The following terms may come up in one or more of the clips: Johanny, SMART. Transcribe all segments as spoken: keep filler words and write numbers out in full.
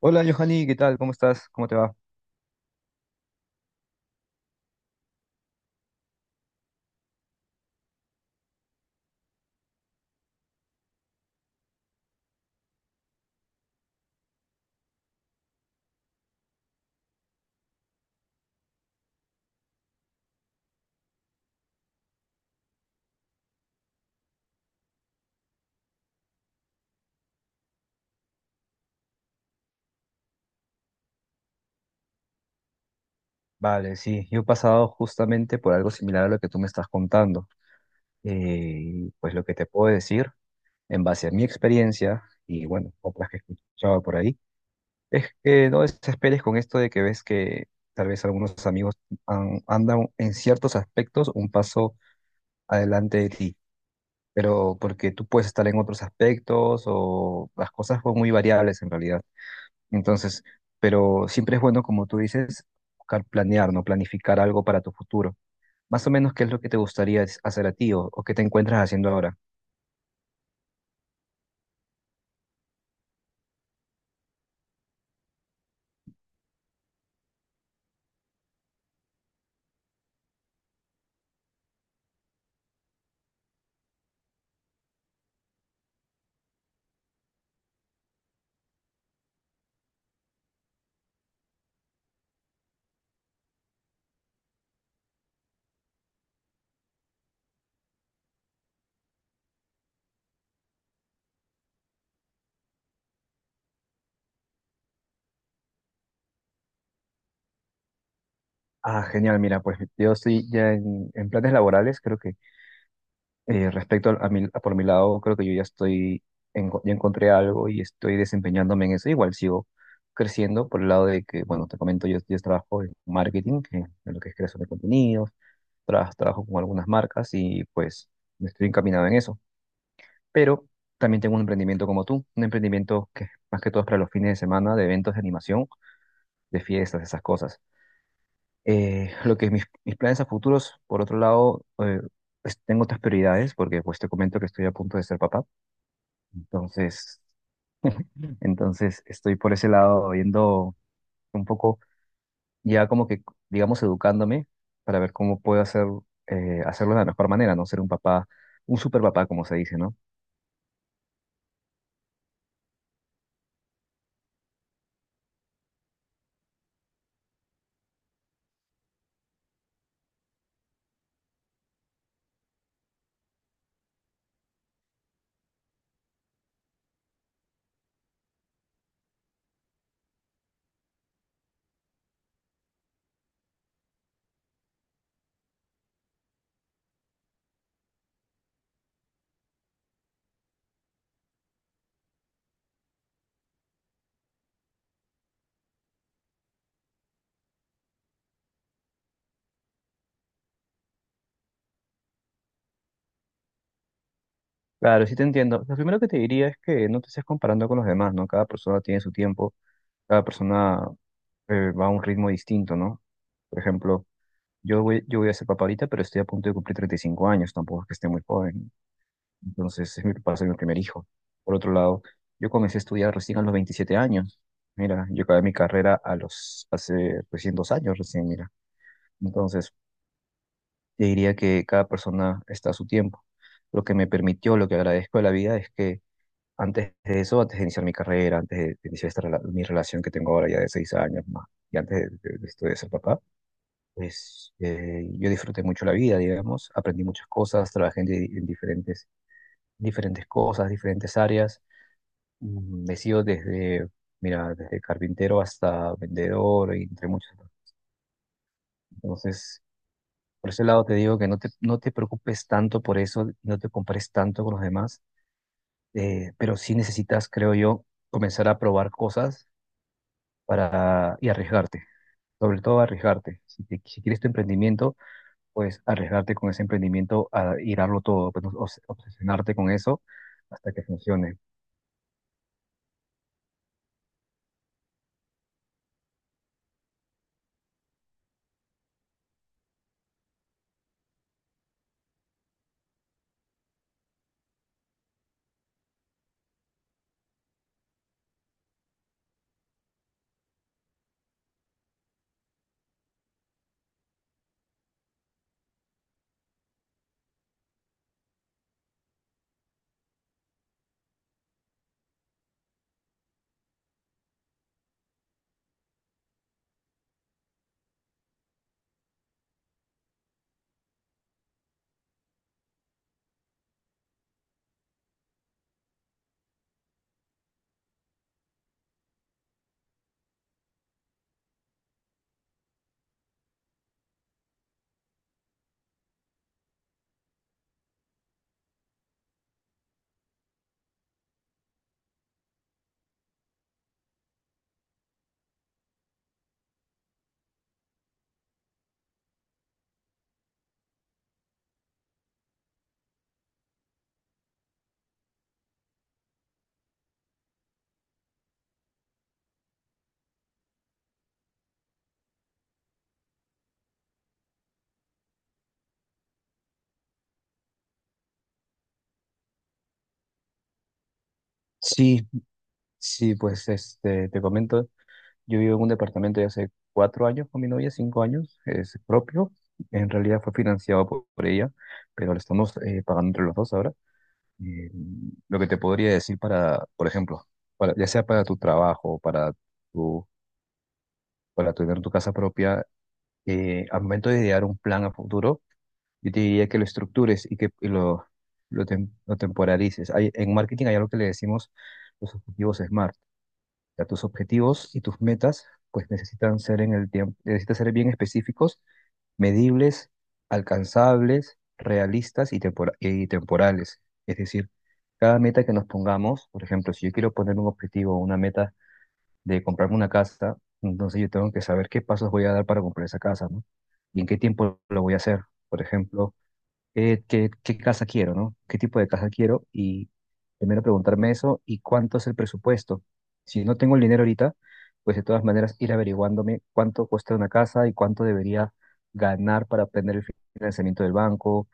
Hola, Johanny, ¿qué tal? ¿Cómo estás? ¿Cómo te va? Vale, sí, yo he pasado justamente por algo similar a lo que tú me estás contando. Eh, pues lo que te puedo decir, en base a mi experiencia y bueno, otras que he escuchado por ahí, es que no desesperes con esto de que ves que tal vez algunos amigos an- andan en ciertos aspectos un paso adelante de ti, pero porque tú puedes estar en otros aspectos o las cosas son muy variables en realidad. Entonces, pero siempre es bueno, como tú dices, buscar planear, ¿no? Planificar algo para tu futuro. Más o menos, ¿qué es lo que te gustaría es- hacer a ti o, o qué te encuentras haciendo ahora? Ah, genial, mira, pues yo estoy ya en, en planes laborales, creo que eh, respecto a, a mi- a por mi lado, creo que yo ya estoy, enco- ya encontré algo y estoy desempeñándome en eso. Igual sigo creciendo por el lado de que, bueno, te comento, yo, yo trabajo en marketing, en en lo que es creación de contenidos, tra- trabajo con algunas marcas y pues me estoy encaminado en eso. Pero también tengo un emprendimiento como tú, un emprendimiento que más que todo es para los fines de semana, de eventos de animación, de fiestas, esas cosas. Eh, lo que mis, mis planes a futuros, por otro lado, eh, pues, tengo otras prioridades, porque pues te comento que estoy a punto de ser papá, entonces, entonces, estoy por ese lado yendo un poco, ya como que, digamos, educándome para ver cómo puedo hacer, eh, hacerlo de la mejor manera, no ser un papá, un super papá, como se dice, ¿no? Claro, sí te entiendo. Lo primero que te diría es que no te estés comparando con los demás, ¿no? Cada persona tiene su tiempo, cada persona eh, va a un ritmo distinto, ¿no? Por ejemplo, yo voy, yo voy a ser papá ahorita, pero estoy a punto de cumplir treinta y cinco años, tampoco es que esté muy joven. Entonces, es mi, va a ser mi primer hijo. Por otro lado, yo comencé a estudiar recién a los veintisiete años. Mira, yo acabé mi carrera a los, hace recién dos años, recién, mira. Entonces, te diría que cada persona está a su tiempo. Lo que me permitió, lo que agradezco de la vida es que antes de eso, antes de iniciar mi carrera, antes de, de iniciar esta, rela- mi relación que tengo ahora ya de seis años más, y antes de, de- de esto de ser papá, pues eh, yo disfruté mucho la vida, digamos, aprendí muchas cosas, trabajé en, di- en diferentes, diferentes cosas, diferentes áreas, Mm, he sido desde, mira, desde carpintero hasta vendedor, y entre muchas otras. Entonces, por ese lado te digo que no te, no te preocupes tanto por eso, no te compares tanto con los demás, eh, pero sí necesitas, creo yo, comenzar a probar cosas para, y arriesgarte, sobre todo arriesgarte. Si, te- si quieres tu emprendimiento, pues arriesgarte con ese emprendimiento a ir a darlo todo, pues, obs- obsesionarte con eso hasta que funcione. Sí, sí, pues este, te comento, yo vivo en un departamento de hace cuatro años con mi novia, cinco años, es propio, en realidad fue financiado por, por ella, pero lo estamos eh, pagando entre los dos ahora. Eh, lo que te podría decir para, por ejemplo, para, ya sea para tu trabajo, para tu, para tener tu casa propia, eh, al momento de idear un plan a futuro, yo te diría que lo estructures y que y lo, lo, tem- lo temporalices. Hay, en marketing hay algo que le decimos los objetivos SMART. O sea, tus objetivos y tus metas pues necesitan ser en el tiempo, necesitan ser bien específicos, medibles, alcanzables, realistas y, tempora- y temporales. Es decir, cada meta que nos pongamos, por ejemplo, si yo quiero poner un objetivo o una meta de comprarme una casa, entonces yo tengo que saber qué pasos voy a dar para comprar esa casa, ¿no? Y en qué tiempo lo voy a hacer. Por ejemplo, eh, qué, qué casa quiero, ¿no? ¿Qué tipo de casa quiero? Y primero preguntarme eso y cuánto es el presupuesto. Si no tengo el dinero ahorita, pues de todas maneras ir averiguándome cuánto cuesta una casa y cuánto debería ganar para obtener el financiamiento del banco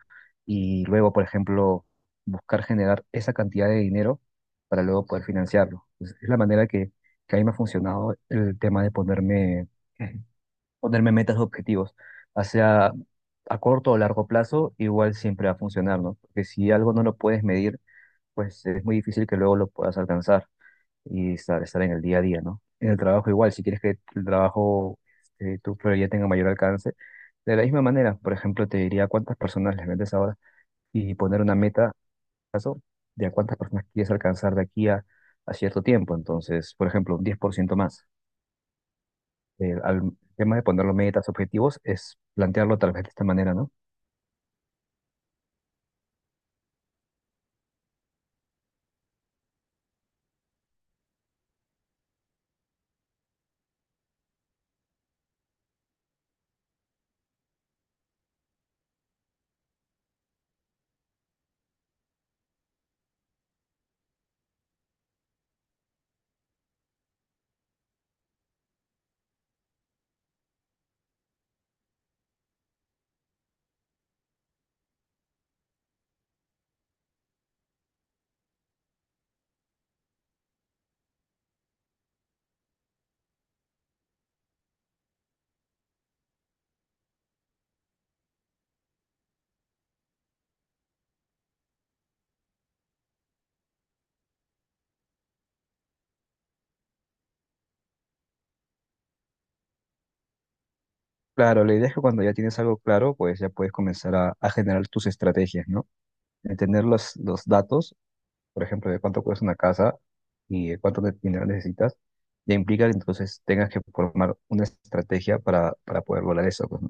y luego, por ejemplo, buscar generar esa cantidad de dinero para luego poder financiarlo. Entonces, es la manera que, que, a mí me ha funcionado el tema de ponerme, ponerme metas o objetivos, hacia a corto o largo plazo, igual siempre va a funcionar, ¿no? Porque si algo no lo puedes medir, pues es muy difícil que luego lo puedas alcanzar y estar, estar en el día a día, ¿no? En el trabajo igual, si quieres que el trabajo, este, tu prioridad tenga mayor alcance, de la misma manera, por ejemplo, te diría cuántas personas les vendes ahora y poner una meta, caso, de a cuántas personas quieres alcanzar de aquí a, a cierto tiempo. Entonces, por ejemplo, un diez por ciento más. El, al tema de poner los metas, objetivos, es plantearlo tal vez de esta manera, ¿no? Claro, la idea es que cuando ya tienes algo claro, pues ya puedes comenzar a, a generar tus estrategias, ¿no? De tener los, los datos, por ejemplo, de cuánto cuesta una casa y de cuánto de dinero necesitas, ya implica que entonces tengas que formar una estrategia para, para poder lograr eso, pues, ¿no?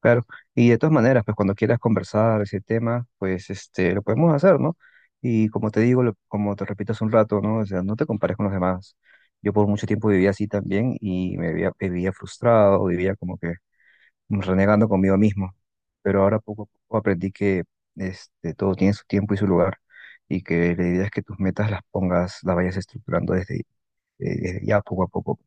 Claro, y de todas maneras, pues cuando quieras conversar ese tema, pues este, lo podemos hacer, ¿no? Y como te digo, lo- como te repito hace un rato, ¿no? O sea, no te compares con los demás. Yo por mucho tiempo vivía así también y me vivía, vivía, frustrado, vivía como que renegando conmigo mismo. Pero ahora poco a poco aprendí que este, todo tiene su tiempo y su lugar y que la idea es que tus metas las pongas, las vayas estructurando desde, eh, desde ya poco a poco.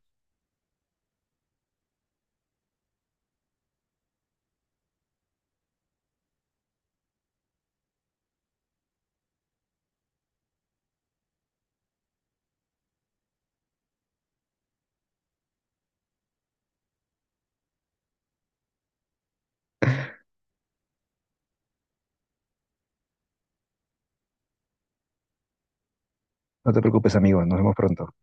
No te preocupes, amigo, nos vemos pronto.